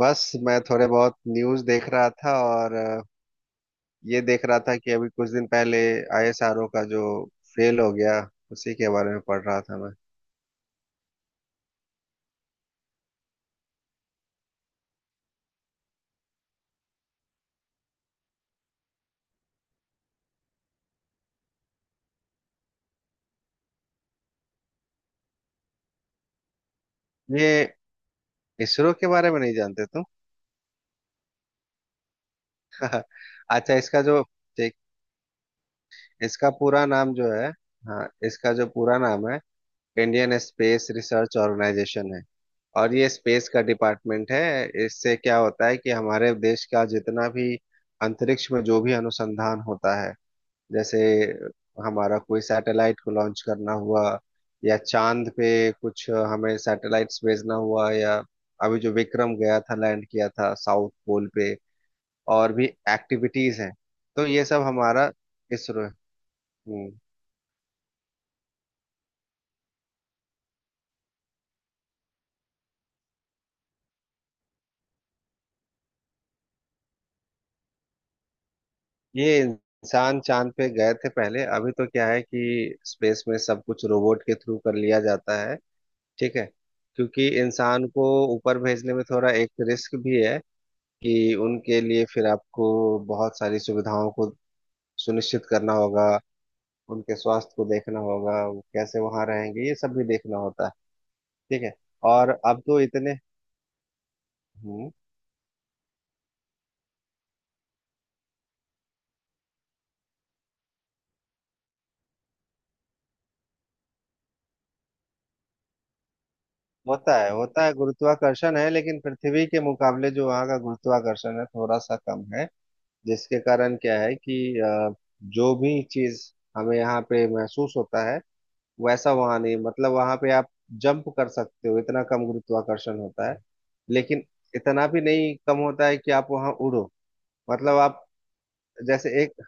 बस मैं थोड़े बहुत न्यूज़ देख रहा था और ये देख रहा था कि अभी कुछ दिन पहले आईएसआरओ का जो फेल हो गया उसी के बारे में पढ़ रहा था मैं। ये इसरो के बारे में नहीं जानते तुम? अच्छा इसका जो ठीक, इसका पूरा नाम जो है, हाँ इसका जो पूरा नाम है, इंडियन स्पेस रिसर्च ऑर्गेनाइजेशन है। और ये स्पेस का डिपार्टमेंट है। इससे क्या होता है कि हमारे देश का जितना भी अंतरिक्ष में जो भी अनुसंधान होता है, जैसे हमारा कोई सैटेलाइट को लॉन्च करना हुआ या चांद पे कुछ हमें सैटेलाइट्स भेजना हुआ, या अभी जो विक्रम गया था, लैंड किया था साउथ पोल पे, और भी एक्टिविटीज हैं, तो ये सब हमारा इसरो है। हम्म, ये इंसान चांद पे गए थे पहले। अभी तो क्या है कि स्पेस में सब कुछ रोबोट के थ्रू कर लिया जाता है, ठीक है? क्योंकि इंसान को ऊपर भेजने में थोड़ा एक रिस्क भी है कि उनके लिए फिर आपको बहुत सारी सुविधाओं को सुनिश्चित करना होगा, उनके स्वास्थ्य को देखना होगा, वो कैसे वहां रहेंगे ये सब भी देखना होता है, ठीक है। और अब तो इतने हम्म होता है, होता है गुरुत्वाकर्षण है, लेकिन पृथ्वी के मुकाबले जो वहाँ का गुरुत्वाकर्षण है थोड़ा सा कम है। जिसके कारण क्या है कि जो भी चीज हमें यहाँ पे महसूस होता है वैसा वहां नहीं, मतलब वहां पे आप जंप कर सकते हो, इतना कम गुरुत्वाकर्षण होता है। लेकिन इतना भी नहीं कम होता है कि आप वहां उड़ो, मतलब आप जैसे एक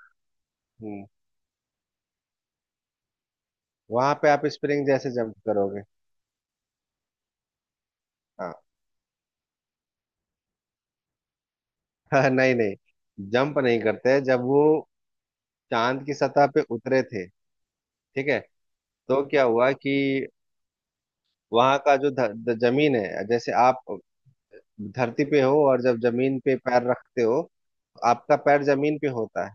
वहां पे आप स्प्रिंग जैसे जंप करोगे। हाँ नहीं नहीं, जंप नहीं करते। जब वो चांद की सतह पे उतरे थे, ठीक है, तो क्या हुआ कि वहां का जो ध, ध, जमीन है, जैसे आप धरती पे हो और जब जमीन पे पैर रखते हो आपका पैर जमीन पे होता है,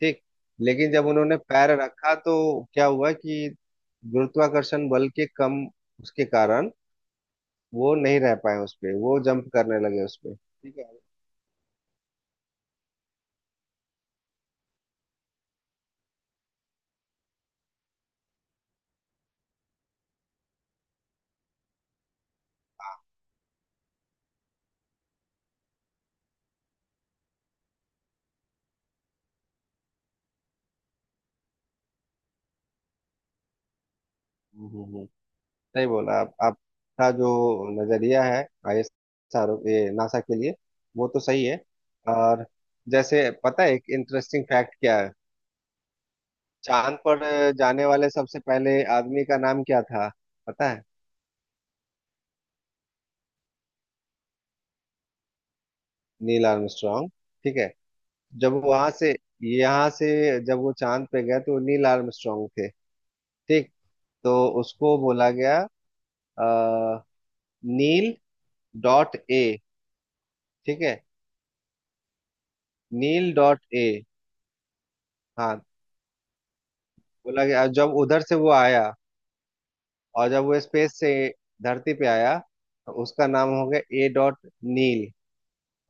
ठीक। लेकिन जब उन्होंने पैर रखा तो क्या हुआ कि गुरुत्वाकर्षण बल के कम उसके कारण वो नहीं रह पाए उस पे, वो जंप करने लगे उस पे, ठीक है। हम्म, हम्म, हम्म। सही बोला आप, आपका जो नजरिया है आईएसआरओ ये नासा के लिए, वो तो सही है। और जैसे पता है एक इंटरेस्टिंग फैक्ट क्या है? चांद पर जाने वाले सबसे पहले आदमी का नाम क्या था पता है? नील आर्मस्ट्रॉन्ग, ठीक है। जब वहां से यहाँ से जब वो चांद पे गया तो नील आर्मस्ट्रांग थे, ठीक। तो उसको बोला गया अ, नील डॉट ए, ठीक है, नील डॉट ए। हाँ, बोला गया जब उधर से वो आया, और जब वो स्पेस से धरती पे आया तो उसका नाम हो गया ए डॉट नील।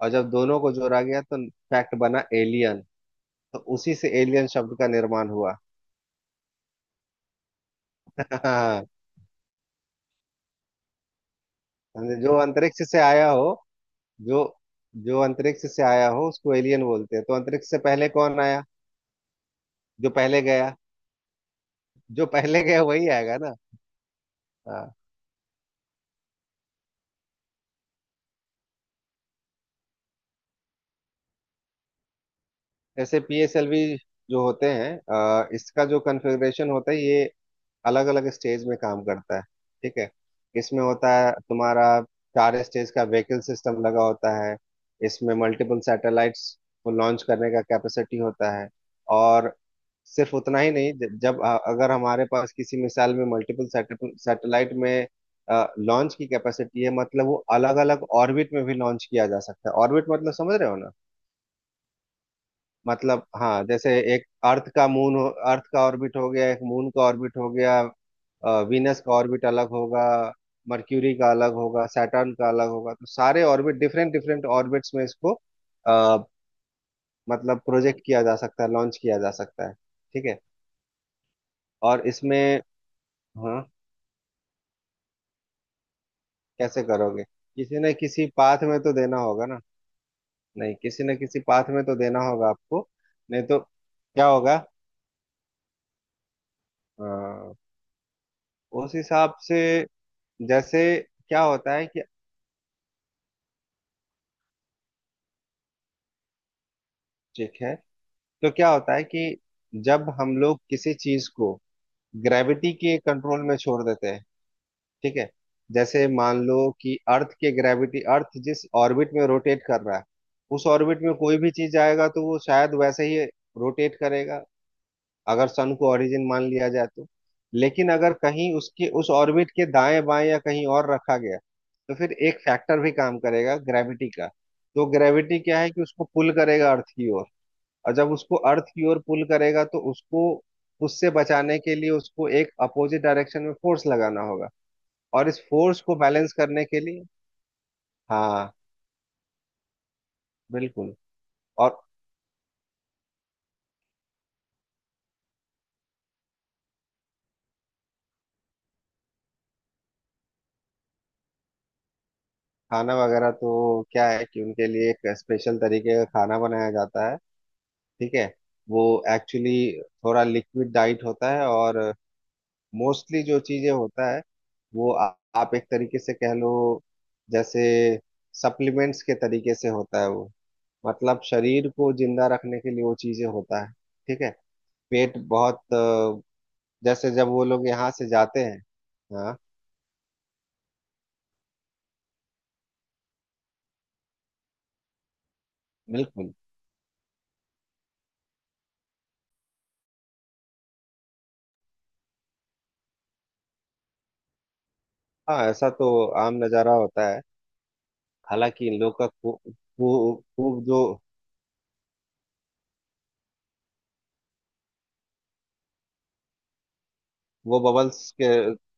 और जब दोनों को जोड़ा गया तो फैक्ट बना एलियन। तो उसी से एलियन शब्द का निर्माण हुआ। हाँ, जो अंतरिक्ष से आया हो, जो जो अंतरिक्ष से आया हो उसको एलियन बोलते हैं। तो अंतरिक्ष से पहले कौन आया? जो पहले गया, जो पहले गया वही आएगा ना। हाँ, ऐसे पीएसएलवी जो होते हैं इसका जो कन्फिग्रेशन होता है ये अलग अलग स्टेज में काम करता है, ठीक है। इसमें होता है तुम्हारा चार स्टेज का व्हीकल सिस्टम लगा होता है। इसमें मल्टीपल सैटेलाइट्स को लॉन्च करने का कैपेसिटी होता है। और सिर्फ उतना ही नहीं, जब अगर हमारे पास किसी मिसाइल में मल्टीपल सैटेलाइट में लॉन्च की कैपेसिटी है मतलब वो अलग अलग ऑर्बिट में भी लॉन्च किया जा सकता है। ऑर्बिट मतलब समझ रहे हो ना? मतलब हाँ, जैसे एक अर्थ का ऑर्बिट हो गया, एक मून का ऑर्बिट हो गया, वीनस का ऑर्बिट अलग होगा, मर्क्यूरी का अलग होगा, सैटर्न का अलग होगा। तो सारे ऑर्बिट डिफरेंट डिफरेंट ऑर्बिट्स में इसको आ, मतलब प्रोजेक्ट किया जा सकता है, लॉन्च किया जा सकता है, ठीक है। और इसमें हाँ, कैसे करोगे? किसी न किसी पाथ में तो देना होगा ना, नहीं किसी न किसी पाथ में तो देना होगा आपको। नहीं तो क्या होगा, अ, उस हिसाब से जैसे क्या होता है कि, ठीक है, तो क्या होता है कि जब हम लोग किसी चीज को ग्रेविटी के कंट्रोल में छोड़ देते हैं, ठीक है, जैसे मान लो कि अर्थ के ग्रेविटी अर्थ जिस ऑर्बिट में रोटेट कर रहा है, उस ऑर्बिट में कोई भी चीज आएगा तो वो शायद वैसे ही रोटेट करेगा अगर सन को ओरिजिन मान लिया जाए तो। लेकिन अगर कहीं उसके उस ऑर्बिट के दाएं बाएं या कहीं और रखा गया तो फिर एक फैक्टर भी काम करेगा ग्रेविटी का। तो ग्रेविटी क्या है कि उसको पुल करेगा अर्थ की ओर, और जब उसको अर्थ की ओर पुल करेगा तो उसको उससे बचाने के लिए उसको एक अपोजिट डायरेक्शन में फोर्स लगाना होगा, और इस फोर्स को बैलेंस करने के लिए हाँ, बिल्कुल। और खाना वगैरह तो क्या है कि उनके लिए एक स्पेशल तरीके का खाना बनाया जाता है, ठीक है। वो एक्चुअली थोड़ा लिक्विड डाइट होता है, और मोस्टली जो चीजें होता है वो आप एक तरीके से कह लो जैसे सप्लीमेंट्स के तरीके से होता है वो, मतलब शरीर को जिंदा रखने के लिए वो चीजें होता है, ठीक है। पेट बहुत जैसे जब वो लोग यहाँ से जाते हैं हाँ बिल्कुल। हाँ ऐसा तो आम नज़ारा होता है, हालांकि इन लोग का खूब जो वो बबल्स के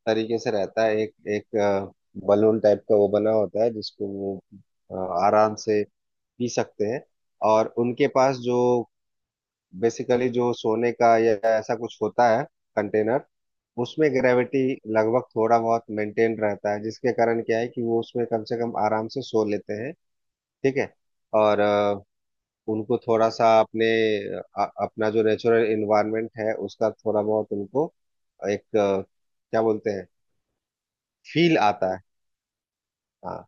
तरीके से रहता है, एक एक बलून टाइप का वो बना होता है जिसको वो अ, आराम से पी सकते हैं। और उनके पास जो बेसिकली जो सोने का या ऐसा कुछ होता है कंटेनर उसमें ग्रेविटी लगभग थोड़ा बहुत मेंटेन रहता है, जिसके कारण क्या है कि वो उसमें कम से कम आराम से सो लेते हैं, ठीक है। और उनको थोड़ा सा अपने अपना जो नेचुरल इन्वायरमेंट है उसका थोड़ा बहुत उनको एक क्या बोलते हैं, फील आता है। हाँ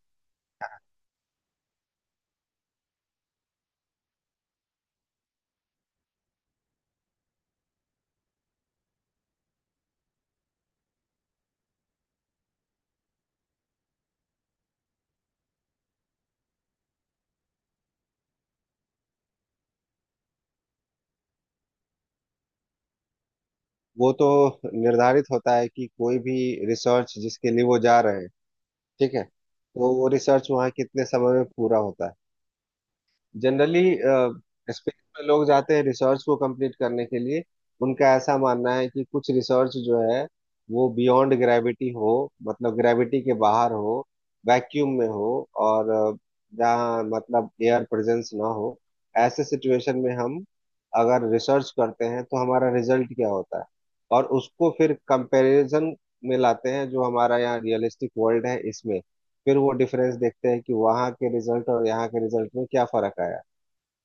वो तो निर्धारित होता है कि कोई भी रिसर्च जिसके लिए वो जा रहे हैं, ठीक है, तो वो रिसर्च वहाँ कितने समय में पूरा होता है जनरली। स्पेस में लोग जाते हैं रिसर्च को कंप्लीट करने के लिए। उनका ऐसा मानना है कि कुछ रिसर्च जो है वो बियॉन्ड ग्रेविटी हो, मतलब ग्रेविटी के बाहर हो, वैक्यूम में हो, और जहाँ मतलब एयर प्रेजेंस ना हो, ऐसे सिचुएशन में हम अगर रिसर्च करते हैं तो हमारा रिजल्ट क्या होता है, और उसको फिर कंपैरिजन में लाते हैं जो हमारा यहाँ रियलिस्टिक वर्ल्ड है इसमें, फिर वो डिफरेंस देखते हैं कि वहाँ के रिजल्ट और यहाँ के रिजल्ट में क्या फर्क आया।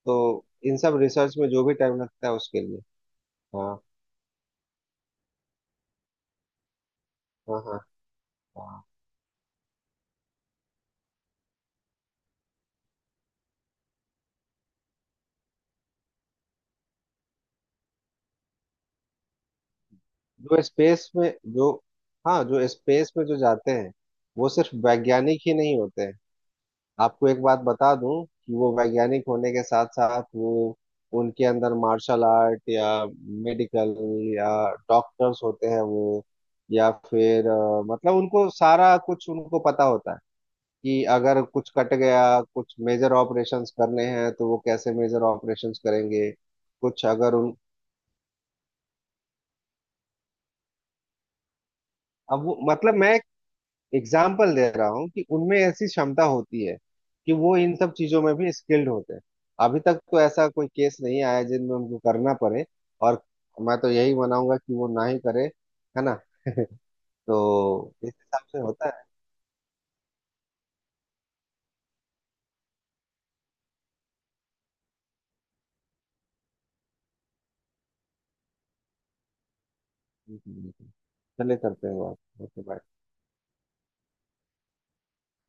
तो इन सब रिसर्च में जो भी टाइम लगता है उसके लिए हाँ हाँ हाँ हाँ। जो स्पेस में जो हाँ जो स्पेस में जो जाते हैं वो सिर्फ वैज्ञानिक ही नहीं होते हैं। आपको एक बात बता दूं कि वो वैज्ञानिक होने के साथ साथ वो उनके अंदर मार्शल आर्ट या मेडिकल या डॉक्टर्स होते हैं वो, या फिर मतलब उनको सारा कुछ उनको पता होता है कि अगर कुछ कट गया कुछ मेजर ऑपरेशंस करने हैं तो वो कैसे मेजर ऑपरेशंस करेंगे। कुछ अगर उन अब वो मतलब मैं एक एग्जाम्पल दे रहा हूँ कि उनमें ऐसी क्षमता होती है कि वो इन सब चीजों में भी स्किल्ड होते हैं। अभी तक तो ऐसा कोई केस नहीं आया जिनमें उनको करना पड़े। और मैं तो यही मनाऊंगा कि वो ना ही करे, है ना? तो इस हिसाब से होता है। चले करते हैं बात, ओके बाय।